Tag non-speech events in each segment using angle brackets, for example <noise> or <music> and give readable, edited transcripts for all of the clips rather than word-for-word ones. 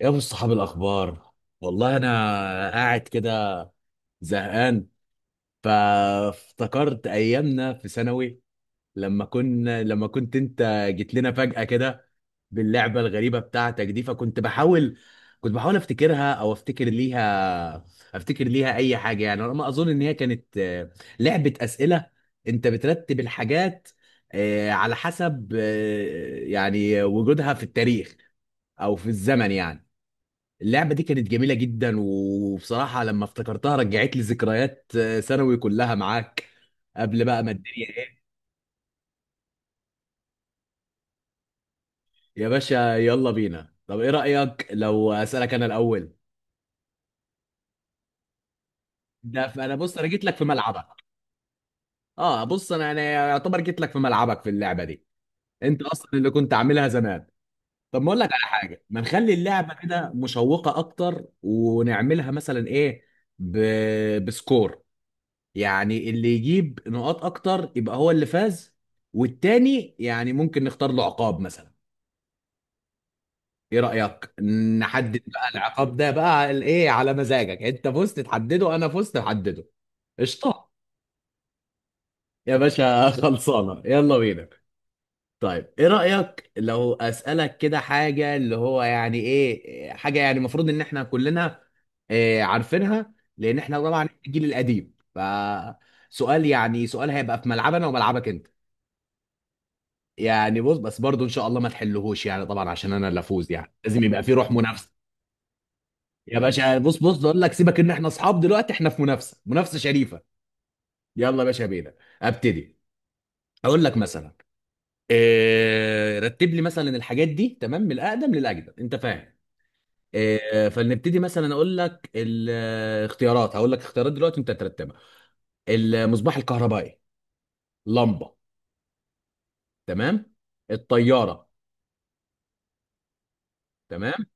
يا ابو الصحاب الاخبار، والله انا قاعد كده زهقان. فافتكرت ايامنا في ثانوي لما كنا لما كنت انت جيت لنا فجأة كده باللعبة الغريبة بتاعتك دي. فكنت بحاول، كنت بحاول افتكرها او افتكر ليها، اي حاجة. انا ما اظن ان هي كانت، لعبة اسئلة. انت بترتب الحاجات على حسب وجودها في التاريخ او في الزمن يعني. اللعبة دي كانت جميلة جدا، وبصراحة لما افتكرتها رجعت لي ذكريات ثانوي كلها معاك قبل بقى ما الدنيا ايه. يا باشا يلا بينا، طب ايه رأيك لو اسألك انا الاول؟ ده فانا بص، انا جيت لك في ملعبك. اه بص، انا يعتبر جيت لك في ملعبك في اللعبة دي. انت اصلا اللي كنت عاملها زمان. طب ما اقول لك على حاجة، ما نخلي اللعبة كده مشوقة اكتر ونعملها مثلا ايه، ب... بسكور. يعني اللي يجيب نقاط اكتر يبقى هو اللي فاز، والتاني يعني ممكن نختار له عقاب مثلا. ايه رأيك؟ نحدد بقى العقاب ده بقى على ايه، على مزاجك. انت فزت تحدده، انا فزت احدده. قشطة. يا باشا <laughs> خلصانة، يلا بينا. طيب ايه رأيك لو اسألك كده حاجة اللي هو يعني ايه حاجة يعني المفروض ان احنا كلنا إيه عارفينها، لان احنا طبعا الجيل القديم. فسؤال، سؤال هيبقى في ملعبنا وملعبك انت. يعني بص، بس برضو ان شاء الله ما تحلهوش. يعني طبعا عشان انا اللي افوز، يعني لازم يبقى في روح منافسه. يا باشا بص، اقول لك سيبك، ان احنا اصحاب دلوقتي، احنا في منافسه، منافسه شريفه. يلا يا باشا بينا. ابتدي. اقول لك مثلا، إيه رتب لي مثلا الحاجات دي، تمام، من الاقدم للاجدد، انت فاهم. إيه فلنبتدي. مثلا اقول لك الاختيارات، هقول لك اختيارات دلوقتي انت ترتبها. المصباح الكهربائي، لمبه، تمام. الطياره، تمام.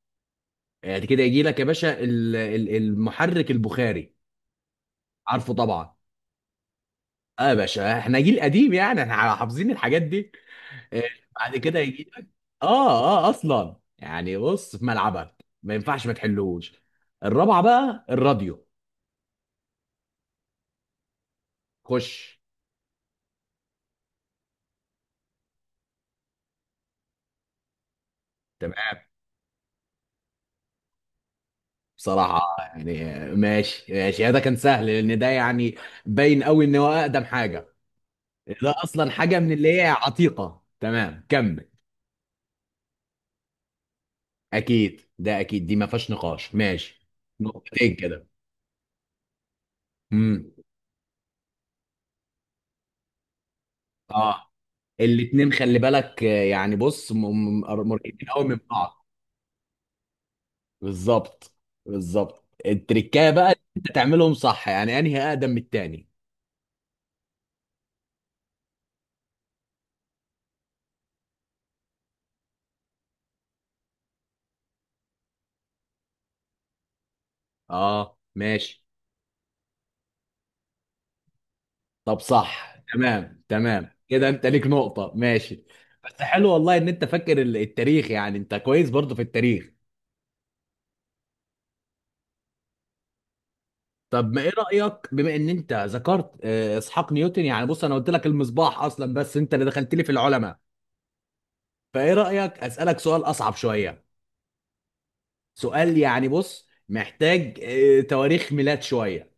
يعني كده يجي لك يا باشا المحرك البخاري، عارفه طبعا. اه يا باشا احنا جيل قديم، يعني احنا حافظين الحاجات دي. آه، بعد كده يجي لك، اه اه اصلا يعني بص في ملعبك ما ينفعش ما تحلوش. الرابعه بقى الراديو. خش. تمام. بصراحه يعني ماشي ماشي، ده كان سهل لان ده يعني باين قوي ان هو اقدم حاجه. ده اصلا حاجه من اللي هي عتيقه، تمام كمل. اكيد، ده اكيد دي ما فيهاش نقاش، ماشي. نقطتين كده. امم. اه الاتنين خلي بالك، يعني بص مريحين قوي من بعض. بالظبط، بالظبط. التركايه بقى إن انت تعملهم صح، يعني انهي اقدم من التاني. اه ماشي. طب صح تمام تمام، كده انت ليك نقطة، ماشي. بس حلو والله ان انت فاكر التاريخ، يعني انت كويس برضه في التاريخ. طب ما ايه رأيك، بما ان انت ذكرت اسحاق نيوتن، يعني بص انا قلت لك المصباح اصلا، بس انت اللي دخلت لي في العلماء. فايه رأيك اسألك سؤال اصعب شوية. سؤال يعني بص محتاج تواريخ ميلاد شوية.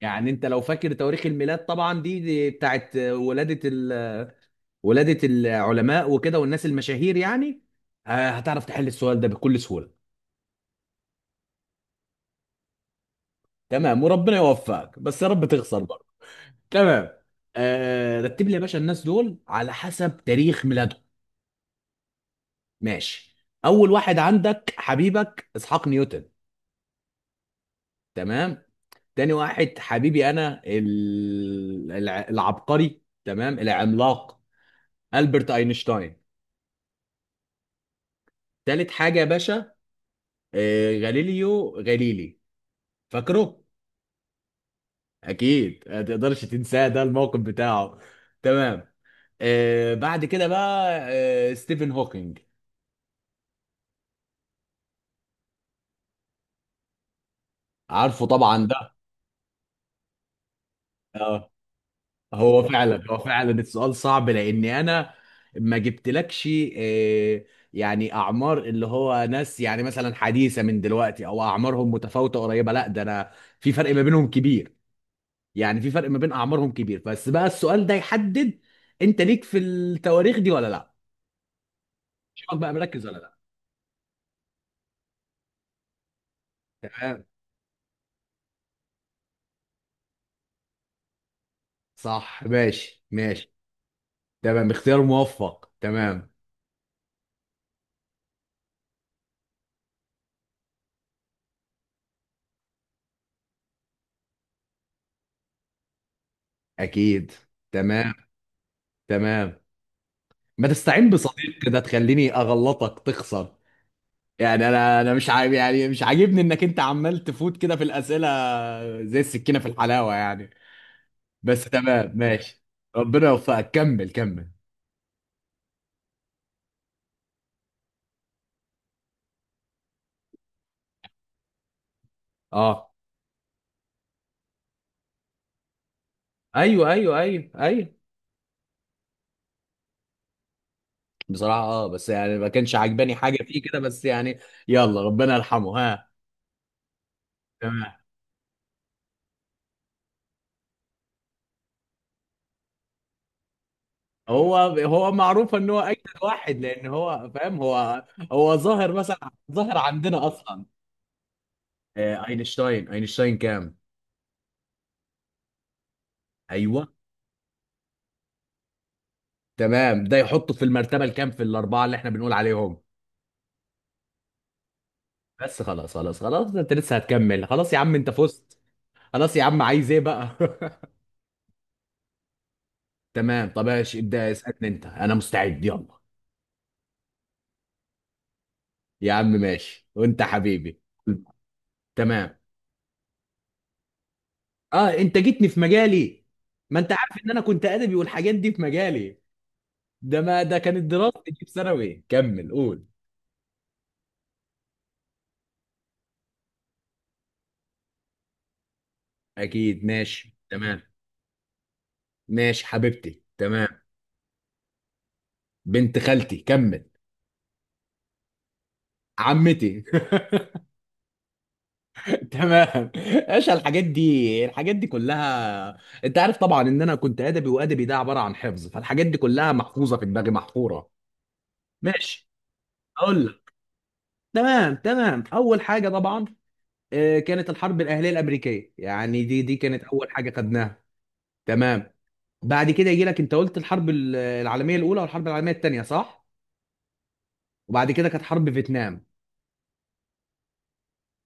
يعني انت لو فاكر تواريخ الميلاد، طبعا دي، دي بتاعت ولادة ولادة العلماء وكده والناس المشاهير يعني، هتعرف تحل السؤال ده بكل سهولة. تمام وربنا يوفقك بس يا رب تخسر برضه. تمام. رتب لي يا باشا الناس دول على حسب تاريخ ميلادهم، ماشي. اول واحد عندك حبيبك اسحاق نيوتن، تمام. تاني واحد حبيبي انا العبقري تمام العملاق البرت اينشتاين. تالت حاجه يا باشا غاليليو غاليلي، فاكره. اكيد ما تقدرش تنساه، ده الموقف بتاعه، تمام. بعد كده بقى ستيفن هوكينج، عارفه طبعا ده. آه. هو فعلا، السؤال صعب، لاني انا ما جبتلكش آه، يعني اعمار اللي هو ناس يعني مثلا حديثه من دلوقتي او اعمارهم متفاوته قريبه، لا ده انا في فرق ما بينهم كبير. يعني في فرق ما بين اعمارهم كبير. بس بقى السؤال ده يحدد انت ليك في التواريخ دي ولا لا، شوفك بقى مركز ولا لا. تمام، صح ماشي ماشي. تمام، اختيار موفق، تمام. اكيد، تمام تمام. ما تستعين بصديق كده تخليني اغلطك تخسر. يعني انا، مش عاجب، يعني مش عاجبني انك انت عمال تفوت كده في الاسئله، زي السكينه في الحلاوه يعني. بس تمام ماشي. ربنا يوفقك، كمل كمل. اه. ايوه ايوه ايوه ايوه. بصراحه اه بس يعني ما كانش عاجباني حاجه فيه كده بس يعني. يلا ربنا يرحمه، ها. تمام. هو معروف ان هو اجدد واحد، لان هو فاهم، هو هو ظاهر مثلا، ظاهر عندنا اصلا. اينشتاين، اينشتاين كام؟ ايوه. تمام، ده يحطه في المرتبه الكام في الاربعه اللي احنا بنقول عليهم. بس خلاص خلاص خلاص، انت لسه هتكمل، خلاص يا عم انت فزت. خلاص يا عم، عايز ايه بقى؟ <laughs> تمام طب ماشي ابدا اسالني انت، انا مستعد، يلا. يا عم ماشي وانت حبيبي. تمام. اه انت جيتني في مجالي، ما انت عارف ان انا كنت ادبي والحاجات دي في مجالي. ده ما ده كانت دراستي دي في ثانوي، كمل قول. اكيد ماشي تمام. ماشي حبيبتي تمام. بنت خالتي كمل. عمتي <laughs> تمام. ايش الحاجات دي، الحاجات دي كلها؟ انت عارف طبعا ان انا كنت ادبي، وادبي ده عباره عن حفظ، فالحاجات دي كلها محفوظه في دماغي محفوره. ماشي اقول لك. تمام تمام اول حاجه طبعا كانت الحرب الاهليه الامريكيه، يعني دي كانت اول حاجه خدناها. تمام. بعد كده يجي لك انت قلت العالميه الاولى والحرب العالميه الثانيه، صح. وبعد كده كانت حرب فيتنام.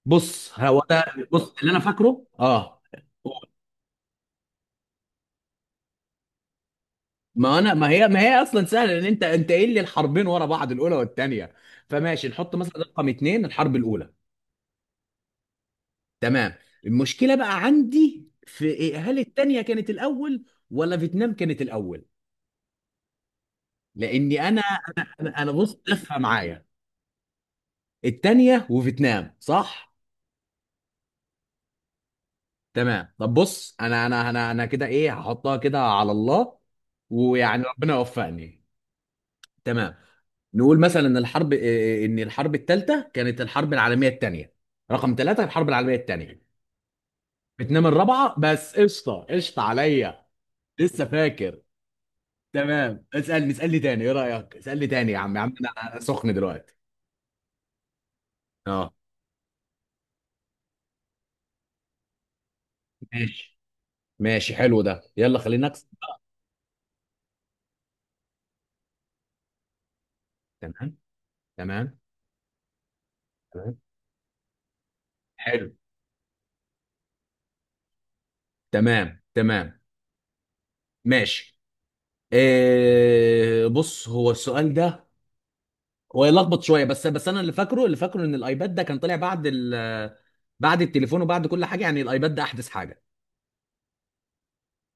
بص هو ده. بص اللي انا فاكره، اه. ما انا، ما هي اصلا سهله، لان انت قايل لي الحربين ورا بعض، الاولى والثانيه. فماشي نحط مثلا رقم اتنين الحرب الاولى. تمام. المشكله بقى عندي في إيه، هل الثانيه كانت الاول ولا فيتنام كانت الاول؟ لاني انا انا انا أنا بص لفه معايا. الثانيه وفيتنام صح. تمام، طب بص انا كده ايه، هحطها كده على الله ويعني ربنا يوفقني. تمام. نقول مثلا ان الحرب ان الحرب الثالثه كانت الحرب العالميه الثانيه. رقم ثلاثه الحرب العالميه الثانيه، فيتنام الرابعه. بس قشطه قشطه عليا، لسه فاكر. تمام، اسالني تاني، ايه رايك اسالني تاني، يا عم يا عم انا سخن دلوقتي. اه ماشي. ماشي حلو ده، يلا خلينا نكسب. تمام. تمام. تمام حلو. تمام تمام ماشي. إيه بص هو السؤال ده ويلخبط شويه، بس انا اللي فاكره، ان الايباد ده كان طالع بعد ال، بعد التليفون وبعد كل حاجه، يعني الايباد ده احدث حاجه.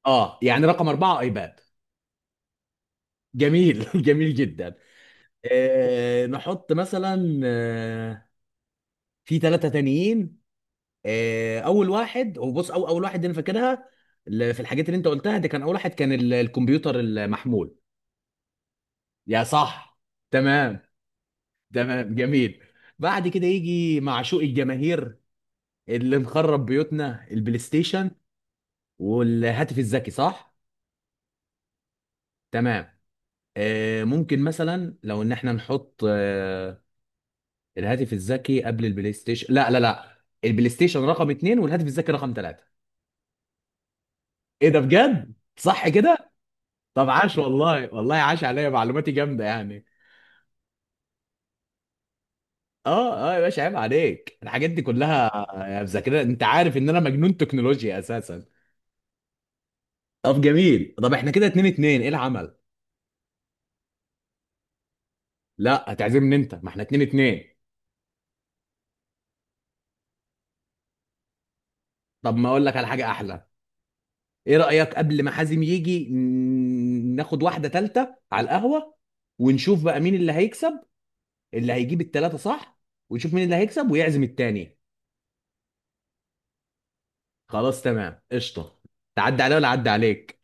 اه يعني رقم اربعه ايباد. جميل <laughs> جميل جدا. آه نحط مثلا آه، في ثلاثه تانيين. آه اول واحد هو بص، أو اول واحد انا فاكرها في الحاجات اللي انت قلتها دي، كان اول واحد كان الكمبيوتر المحمول، يا صح. تمام تمام جميل. بعد كده يجي معشوق الجماهير، اللي مخرب بيوتنا، البلاي ستيشن والهاتف الذكي، صح. تمام. آه ممكن مثلا لو ان احنا نحط آه، الهاتف الذكي قبل البلاي ستيشن، لا لا لا، البلاي ستيشن رقم اتنين والهاتف الذكي رقم ثلاثة. ايه ده بجد صح كده. طب عاش والله، والله عاش عليا، معلوماتي جامدة يعني. اه اه يا باشا عيب عليك الحاجات دي كلها، مذاكرها، انت عارف ان انا مجنون تكنولوجيا اساسا. طب جميل، طب احنا كده اتنين اتنين، ايه العمل؟ لا هتعزمني انت، ما احنا اتنين اتنين. طب ما اقول لك على حاجة احلى، ايه رأيك قبل ما حازم يجي ناخد واحدة تالتة على القهوة، ونشوف بقى مين اللي هيكسب، اللي هيجيب التلاتة صح، ونشوف مين اللي هيكسب ويعزم التاني. خلاص تمام قشطة. تعدي عليا ولا عدي عليك؟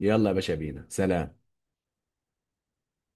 يلا يا باشا بينا، سلام.